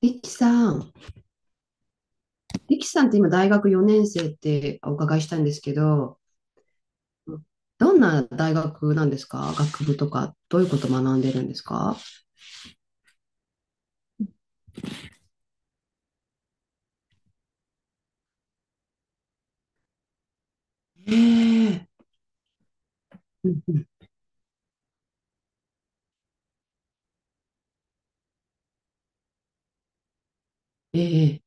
リキさん、リキさんって今大学4年生ってお伺いしたんですけど、どんな大学なんですか？学部とか、どういうことを学んでるんですか？ええ、うんうん、ええ、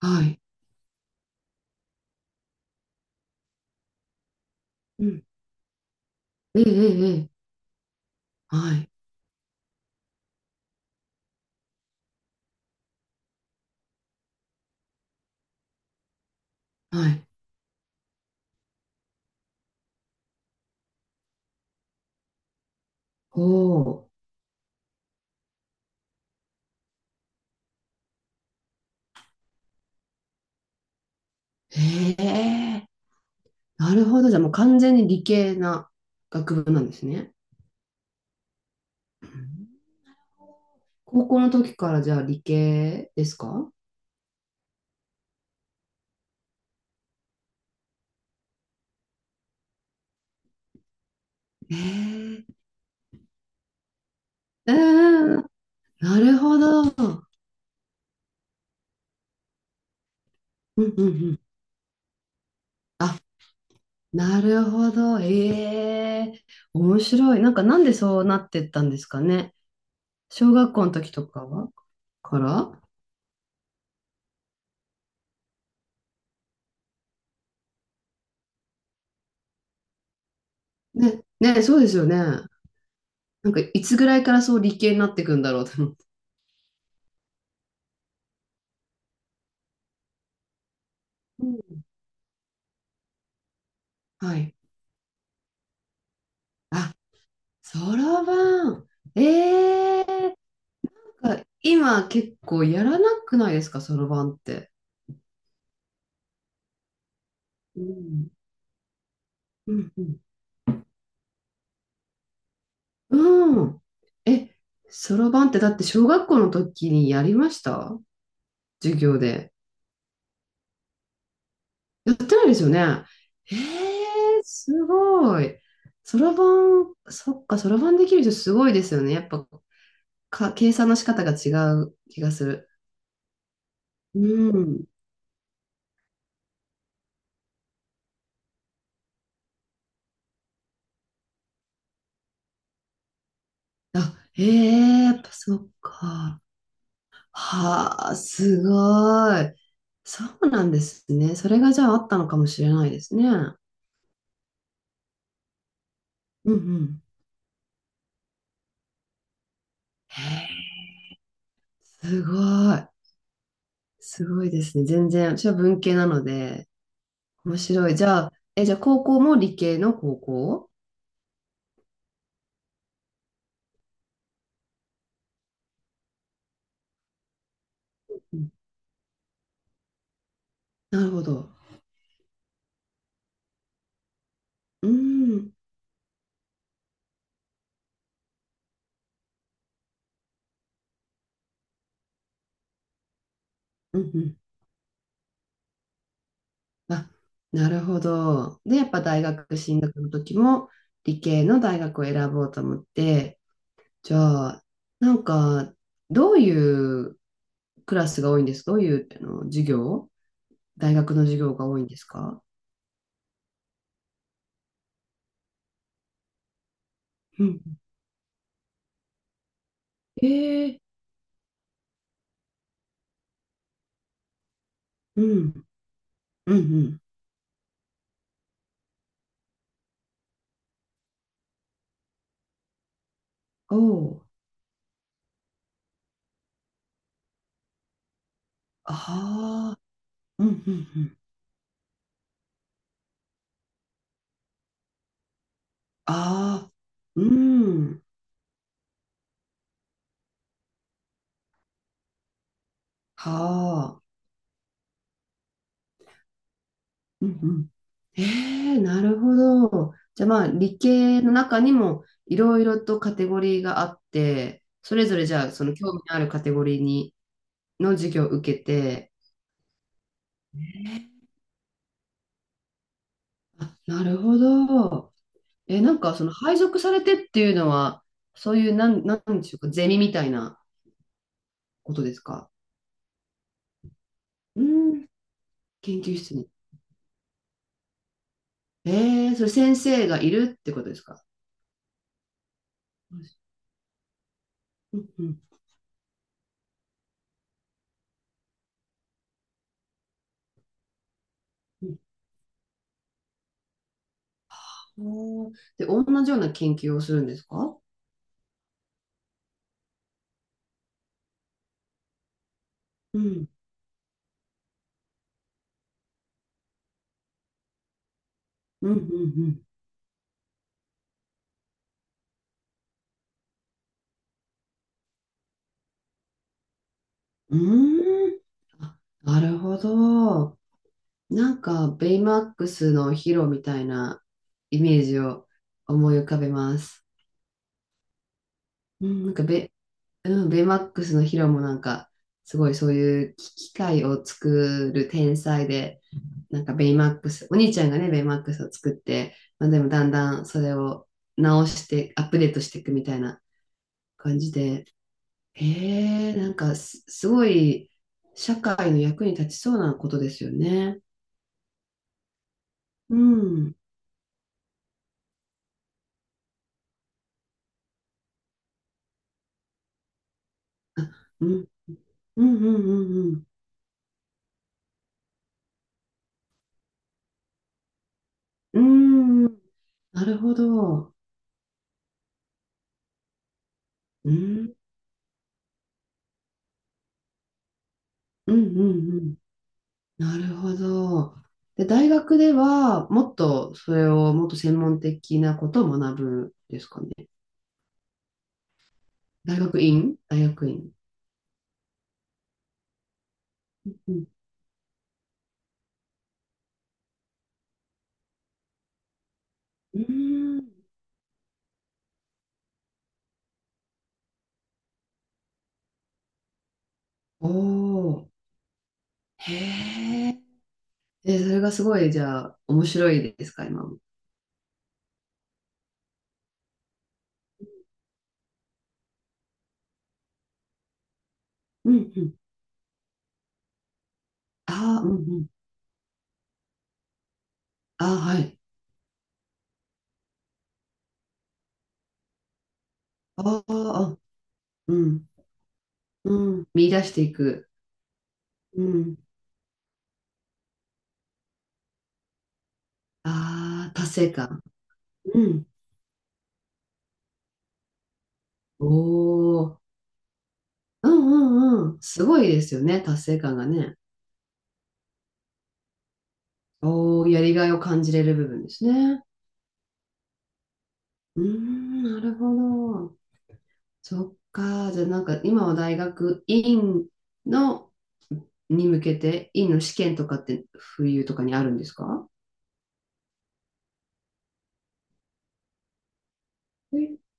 はい。うん、ええええええ、はい、はい。おー、ええ、なるほど。じゃあもう完全に理系な学部なんですね。うん。高校の時からじゃあ理系ですか？ええええ、なるほど。うんうんうん。あ、なるほど。ええ、面白い。なんかなんでそうなってったんですかね。小学校の時とかはから、ね、ね、そうですよね。なんかいつぐらいからそう理系になっていくんだろうと思って。うん、はい。あ、そろばん。ええ、なんか今結構やらなくないですか、そろばんって？うん。うんうん。うん。え、そろばんってだって小学校の時にやりました？授業で。やってないですよね。ええ、すごい。そろばん、そっか、そろばんできる人すごいですよね。やっぱ、か、計算の仕方が違う気がする。うん。あ、ええ、やっぱそっか。はあ、すごい。そうなんですね。それがじゃああったのかもしれないですね。うんうん。へえ、すごい。すごいですね。全然、私は文系なので、面白い。じゃあ、え、じゃあ高校も理系の高校？なるほど。うーん。うんうん。あ、なるほど。で、やっぱ大学進学の時も理系の大学を選ぼうと思って、じゃあ、なんか、どういうクラスが多いんですか？どういうあの授業、大学の授業が多いんですか？うん。ええ、うん。うんうん。おお。ああ。うんうんうん。ああ。うん。は、うんうん。えー、なるほど。じゃあまあ理系の中にもいろいろとカテゴリーがあって、それぞれじゃあその興味のあるカテゴリーにの授業を受けて、あ、なるほど。え、なんかその配属されてっていうのは、そういうなんでしょうか、ゼミみたいなことですか？うん、研究室に。えー、それ先生がいるってことですか？うんうんうん。おー、で、同じような研究をするんですか？うん、うん、うん、うーん。あ、なるほど。なんか、ベイマックスのヒロみたいなイメージを思い浮かべます。うん、なんかうん、ベイマックスのヒロもなんか、すごいそういう機械を作る天才で、なんかベイマックス、お兄ちゃんがね、ベイマックスを作って、まあ、でもだんだんそれを直して、アップデートしていくみたいな感じで、へえ、なんかすごい社会の役に立ちそうなことですよね。うん。あ、うん、うん、うん、うん、うん。なるほど。うん、うん、うん、うん。なるほど。で、大学では、もっとそれを、もっと専門的なことを学ぶんですかね。大学院、大学院。うん。うーん、おー。へーえ。それがすごい、じゃあ、面白いですか、今も。うんうん。ああ、うんうん。ああ、はい。ああ、あ、うん。うん。見出していく。うん。ああ、達成感。うん。おお、うんうんうん。すごいですよね、達成感がね。おお、やりがいを感じれる部分ですね。うーん、なるほど。そっか。じゃあなんか今は大学院のに向けて、院の試験とかって冬とかにあるんですか？え、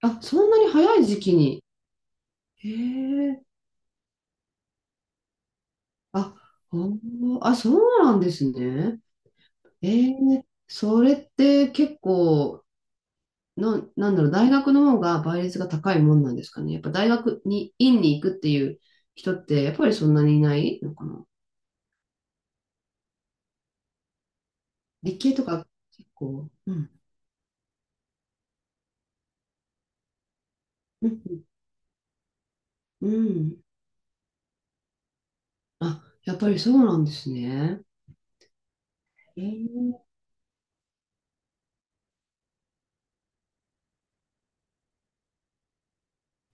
あ、そんなに早い時期に。へえ。あ、ほんまあ、そうなんですね。ええ、それって結構なんだろう、大学の方が倍率が高いもんなんですかね。やっぱ大学に、院に行くっていう人って、やっぱりそんなにいないのかな。理系とか結構、うん、うん、うん。うん、あ、やっぱりそうなんですね。えー、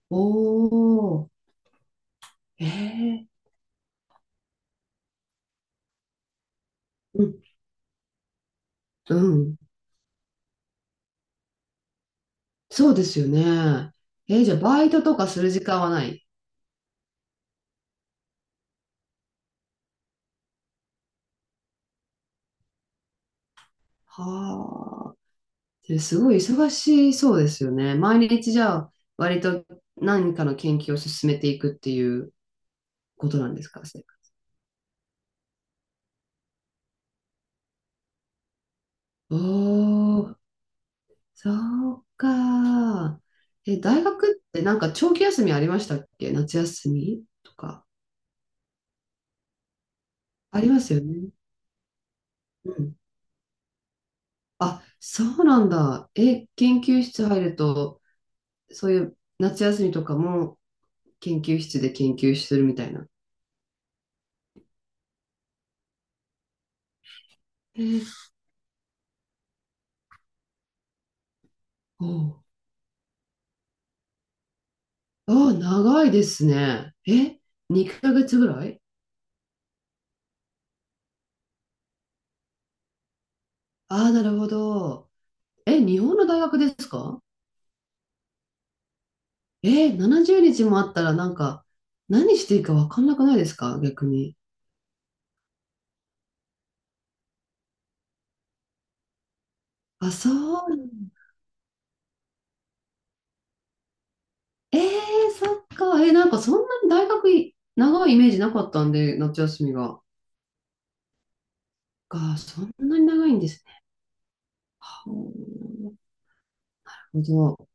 おー、えー、うん、うん。そうですよね。えー、じゃあバイトとかする時間はない？はあ。で、すごい忙しそうですよね。毎日じゃあ、割と何かの研究を進めていくっていう。ことなんですか、生活。おー、そうか。え、大学ってなんか長期休みありましたっけ？夏休みとか。ありますよね。うん。あ、そうなんだ。え、研究室入ると、そういう夏休みとかも研究室で研究するみたいな。えー、おう、あー、長いですね。え、2ヶ月ぐらい。ああ、なるほど。え、日本の大学ですか？えー、70日もあったらなんか、何していいか分かんなくないですか？逆に。あ、そう。えー、そっか。えー、なんかそんなに大学い長いイメージなかったんで、夏休みが。そんなに長いんですね。なるほど